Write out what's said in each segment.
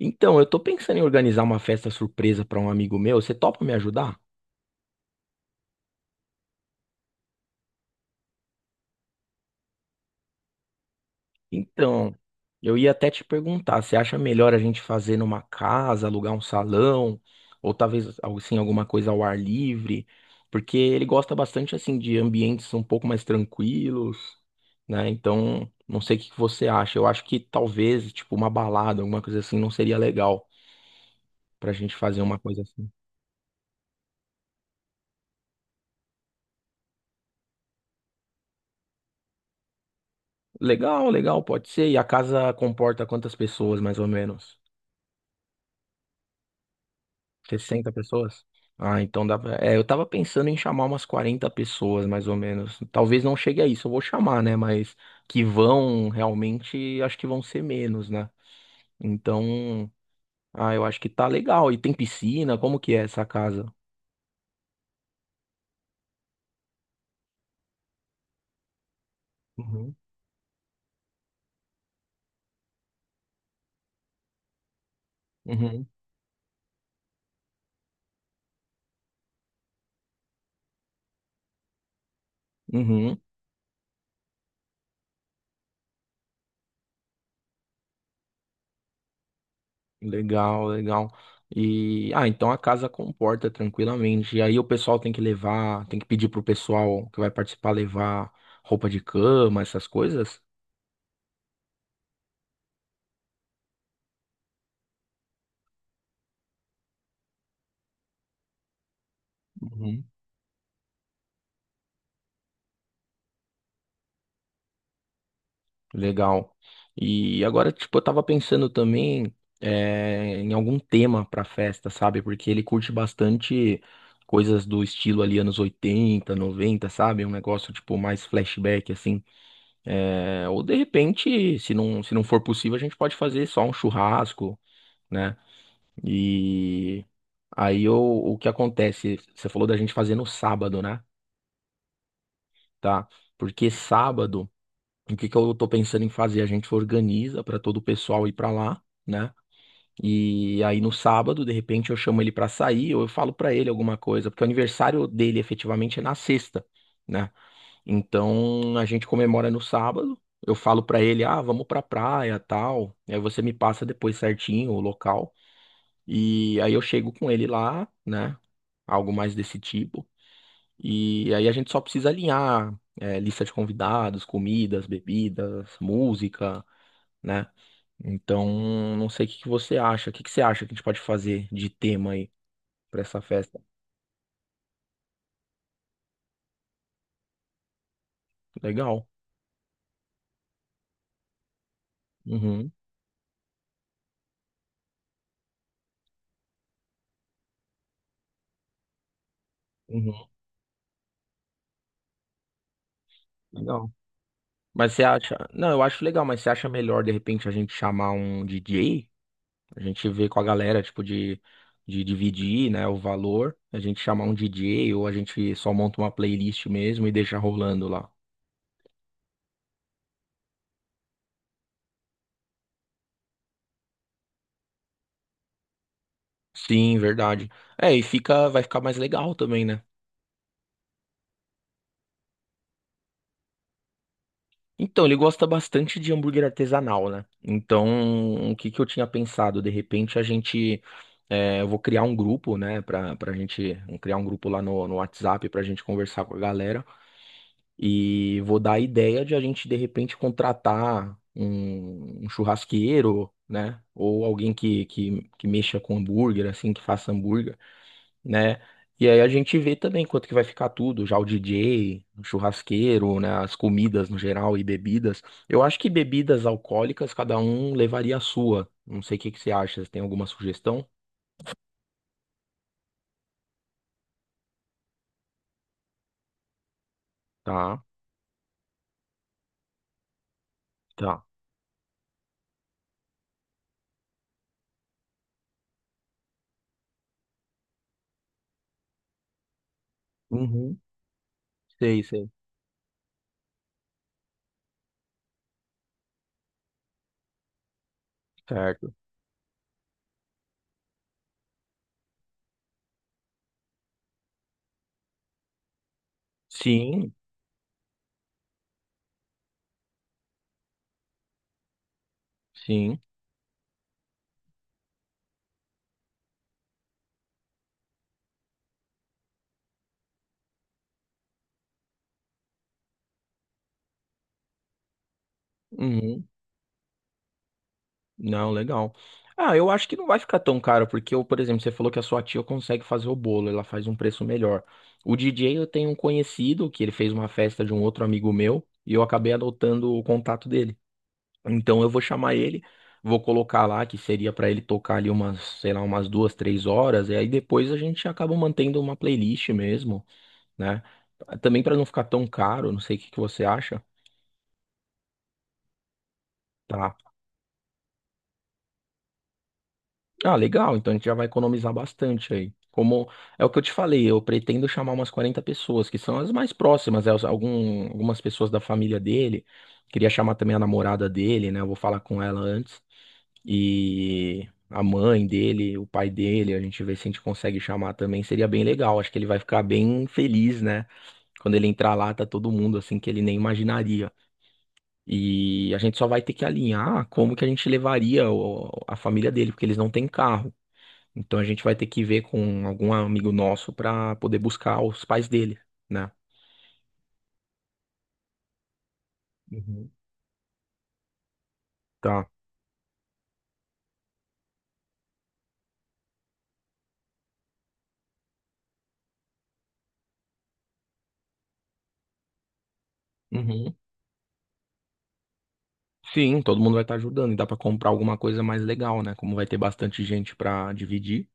Então, eu tô pensando em organizar uma festa surpresa para um amigo meu. Você topa me ajudar? Então, eu ia até te perguntar, você acha melhor a gente fazer numa casa, alugar um salão, ou talvez algo assim, alguma coisa ao ar livre? Porque ele gosta bastante assim de ambientes um pouco mais tranquilos, né? Então, não sei o que que você acha. Eu acho que talvez, tipo, uma balada, alguma coisa assim, não seria legal pra gente fazer uma coisa assim. Legal, legal, pode ser. E a casa comporta quantas pessoas, mais ou menos? 60 pessoas? Ah, então dá pra... É, eu tava pensando em chamar umas 40 pessoas, mais ou menos. Talvez não chegue a isso, eu vou chamar, né? Mas que vão realmente, acho que vão ser menos, né? Então, ah, eu acho que tá legal. E tem piscina, como que é essa casa? Uhum, uhum, uhum. Legal, legal. E, ah, então a casa comporta tranquilamente. E aí o pessoal tem que levar, tem que pedir pro pessoal que vai participar levar roupa de cama, essas coisas? Legal. E agora, tipo, eu tava pensando também em algum tema pra festa, sabe? Porque ele curte bastante coisas do estilo ali, anos 80, 90, sabe? Um negócio, tipo, mais flashback, assim. Ou de repente, se não for possível, a gente pode fazer só um churrasco, né? E aí o que acontece? Você falou da gente fazer no sábado, né? Tá? Porque sábado. O que que eu tô pensando em fazer? A gente organiza para todo o pessoal ir para lá, né? E aí no sábado, de repente, eu chamo ele para sair ou eu falo para ele alguma coisa, porque o aniversário dele efetivamente é na sexta, né? Então a gente comemora no sábado. Eu falo para ele, ah, vamos pra praia, tal. Aí você me passa depois certinho o local. E aí eu chego com ele lá, né? Algo mais desse tipo. E aí a gente só precisa alinhar, é, lista de convidados, comidas, bebidas, música, né? Então, não sei o que que você acha. O que que você acha que a gente pode fazer de tema aí pra essa festa? Legal. Uhum, uhum, legal. Mas você acha. Não, eu acho legal, mas você acha melhor de repente a gente chamar um DJ? A gente vê com a galera, tipo, de dividir, né, o valor. A gente chamar um DJ ou a gente só monta uma playlist mesmo e deixa rolando lá. Sim, verdade. É, e fica, vai ficar mais legal também, né? Então, ele gosta bastante de hambúrguer artesanal, né? Então, o que que eu tinha pensado? De repente, a gente. É, eu vou criar um grupo, né? Pra gente. Criar um grupo lá no WhatsApp pra gente conversar com a galera. E vou dar a ideia de a gente, de repente, contratar um churrasqueiro, né? Ou alguém que mexa com hambúrguer, assim, que faça hambúrguer, né? E aí a gente vê também quanto que vai ficar tudo, já o DJ, o churrasqueiro, né, as comidas no geral e bebidas. Eu acho que bebidas alcoólicas cada um levaria a sua. Não sei o que que você acha, você tem alguma sugestão? Tá, tá. Uhum. Sei, sei. Certo. Sim, sim. Uhum. Não, legal. Ah, eu acho que não vai ficar tão caro, porque eu, por exemplo, você falou que a sua tia consegue fazer o bolo, ela faz um preço melhor. O DJ eu tenho um conhecido que ele fez uma festa de um outro amigo meu e eu acabei adotando o contato dele. Então eu vou chamar ele, vou colocar lá que seria pra ele tocar ali umas, sei lá, umas 2, 3 horas, e aí depois a gente acaba mantendo uma playlist mesmo, né? Também pra não ficar tão caro, não sei o que que você acha. Tá? Ah, legal. Então a gente já vai economizar bastante aí. Como é o que eu te falei, eu pretendo chamar umas 40 pessoas, que são as mais próximas, né? Algumas pessoas da família dele. Queria chamar também a namorada dele, né? Eu vou falar com ela antes. E a mãe dele, o pai dele, a gente vê se a gente consegue chamar também. Seria bem legal. Acho que ele vai ficar bem feliz, né? Quando ele entrar lá, tá todo mundo assim que ele nem imaginaria. E a gente só vai ter que alinhar como que a gente levaria a família dele, porque eles não têm carro. Então a gente vai ter que ver com algum amigo nosso pra poder buscar os pais dele, né? Uhum. Tá. Uhum. Sim, todo mundo vai estar ajudando e dá pra comprar alguma coisa mais legal, né? Como vai ter bastante gente pra dividir.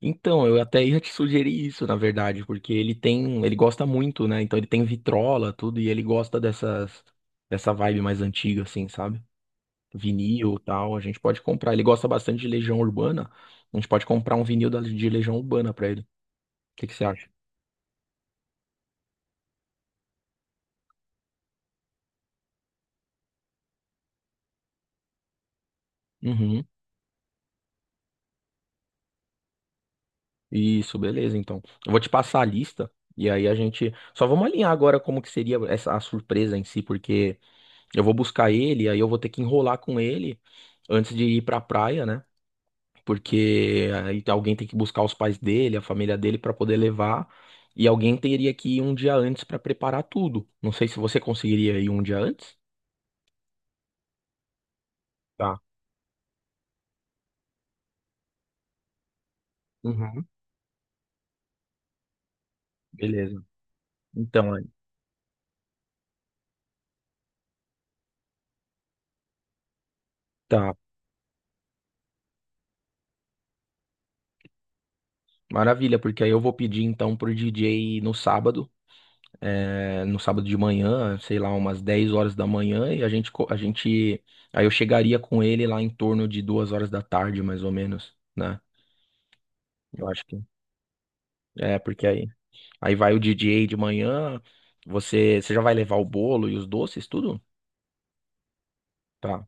Então, eu até ia te sugerir isso, na verdade, porque ele tem, ele gosta muito, né? Então ele tem vitrola, tudo e ele gosta dessa vibe mais antiga assim, sabe? Vinil, e tal, a gente pode comprar. Ele gosta bastante de Legião Urbana. A gente pode comprar um vinil de Legião Urbana pra ele. O que que você acha? Uhum. Isso, beleza, então. Eu vou te passar a lista e aí a gente só vamos alinhar agora como que seria essa a surpresa em si, porque eu vou buscar ele, aí eu vou ter que enrolar com ele antes de ir pra praia, né? Porque aí alguém tem que buscar os pais dele, a família dele pra poder levar, e alguém teria que ir um dia antes pra preparar tudo. Não sei se você conseguiria ir um dia antes. Tá. Uhum. Beleza. Então, tá. Maravilha, porque aí eu vou pedir então pro DJ no sábado de manhã, sei lá, umas 10 horas da manhã, e a gente, aí eu chegaria com ele lá em torno de 2 horas da tarde, mais ou menos, né? Eu acho que é, porque aí vai o DJ de manhã, você já vai levar o bolo e os doces, tudo? Tá.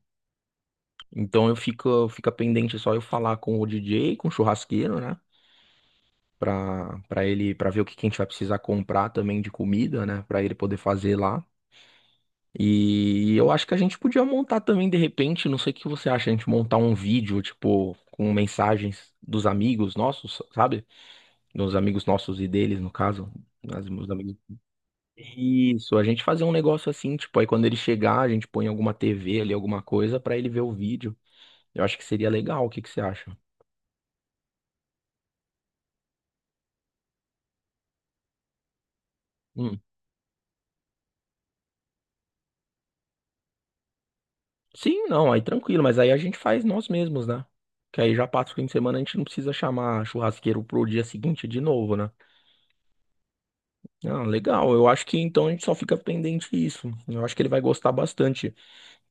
Então eu fica pendente só eu falar com o DJ, com o churrasqueiro, né? Pra ele, pra ver o que que a gente vai precisar comprar também de comida, né? Pra ele poder fazer lá. E eu acho que a gente podia montar também, de repente, não sei o que você acha, a gente montar um vídeo, tipo, com mensagens dos amigos nossos, sabe? Dos amigos nossos e deles, no caso. Dos meus amigos. Isso, a gente fazer um negócio assim, tipo, aí quando ele chegar, a gente põe alguma TV ali, alguma coisa, pra ele ver o vídeo. Eu acho que seria legal, o que que você acha? Hum. Sim, não, aí tranquilo, mas aí a gente faz nós mesmos, né? Que aí já passa o fim de semana, a gente não precisa chamar churrasqueiro pro dia seguinte de novo, né? Ah, legal. Eu acho que então a gente só fica pendente isso. Eu acho que ele vai gostar bastante.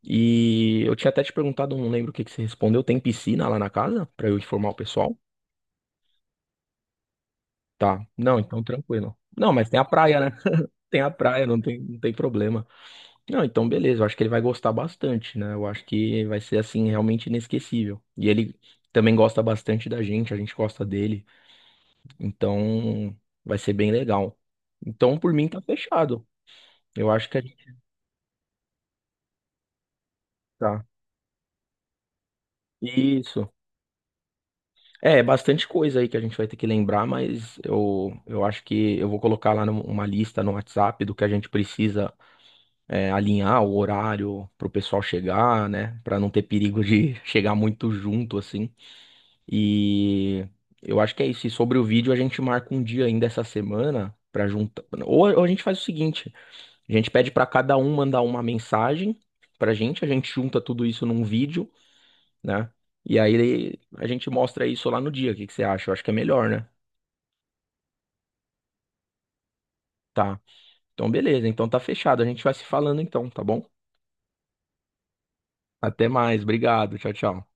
E eu tinha até te perguntado, não lembro o que que você respondeu. Tem piscina lá na casa pra eu informar o pessoal? Tá. Não, então tranquilo. Não, mas tem a praia, né? Tem a praia, não tem problema. Não, então beleza. Eu acho que ele vai gostar bastante, né? Eu acho que vai ser assim realmente inesquecível. E ele também gosta bastante da gente, a gente gosta dele. Então vai ser bem legal. Então por mim tá fechado. Eu acho que a gente tá. Isso. É bastante coisa aí que a gente vai ter que lembrar, mas eu acho que eu vou colocar lá uma lista no WhatsApp do que a gente precisa, alinhar o horário pro pessoal chegar, né? Pra não ter perigo de chegar muito junto, assim. E eu acho que é isso. E sobre o vídeo, a gente marca um dia ainda essa semana pra juntar. Ou a gente faz o seguinte: a gente pede pra cada um mandar uma mensagem pra gente, a gente junta tudo isso num vídeo, né? E aí a gente mostra isso lá no dia. O que que você acha? Eu acho que é melhor, né? Tá. Então, beleza. Então tá fechado. A gente vai se falando então, tá bom? Até mais. Obrigado. Tchau, tchau.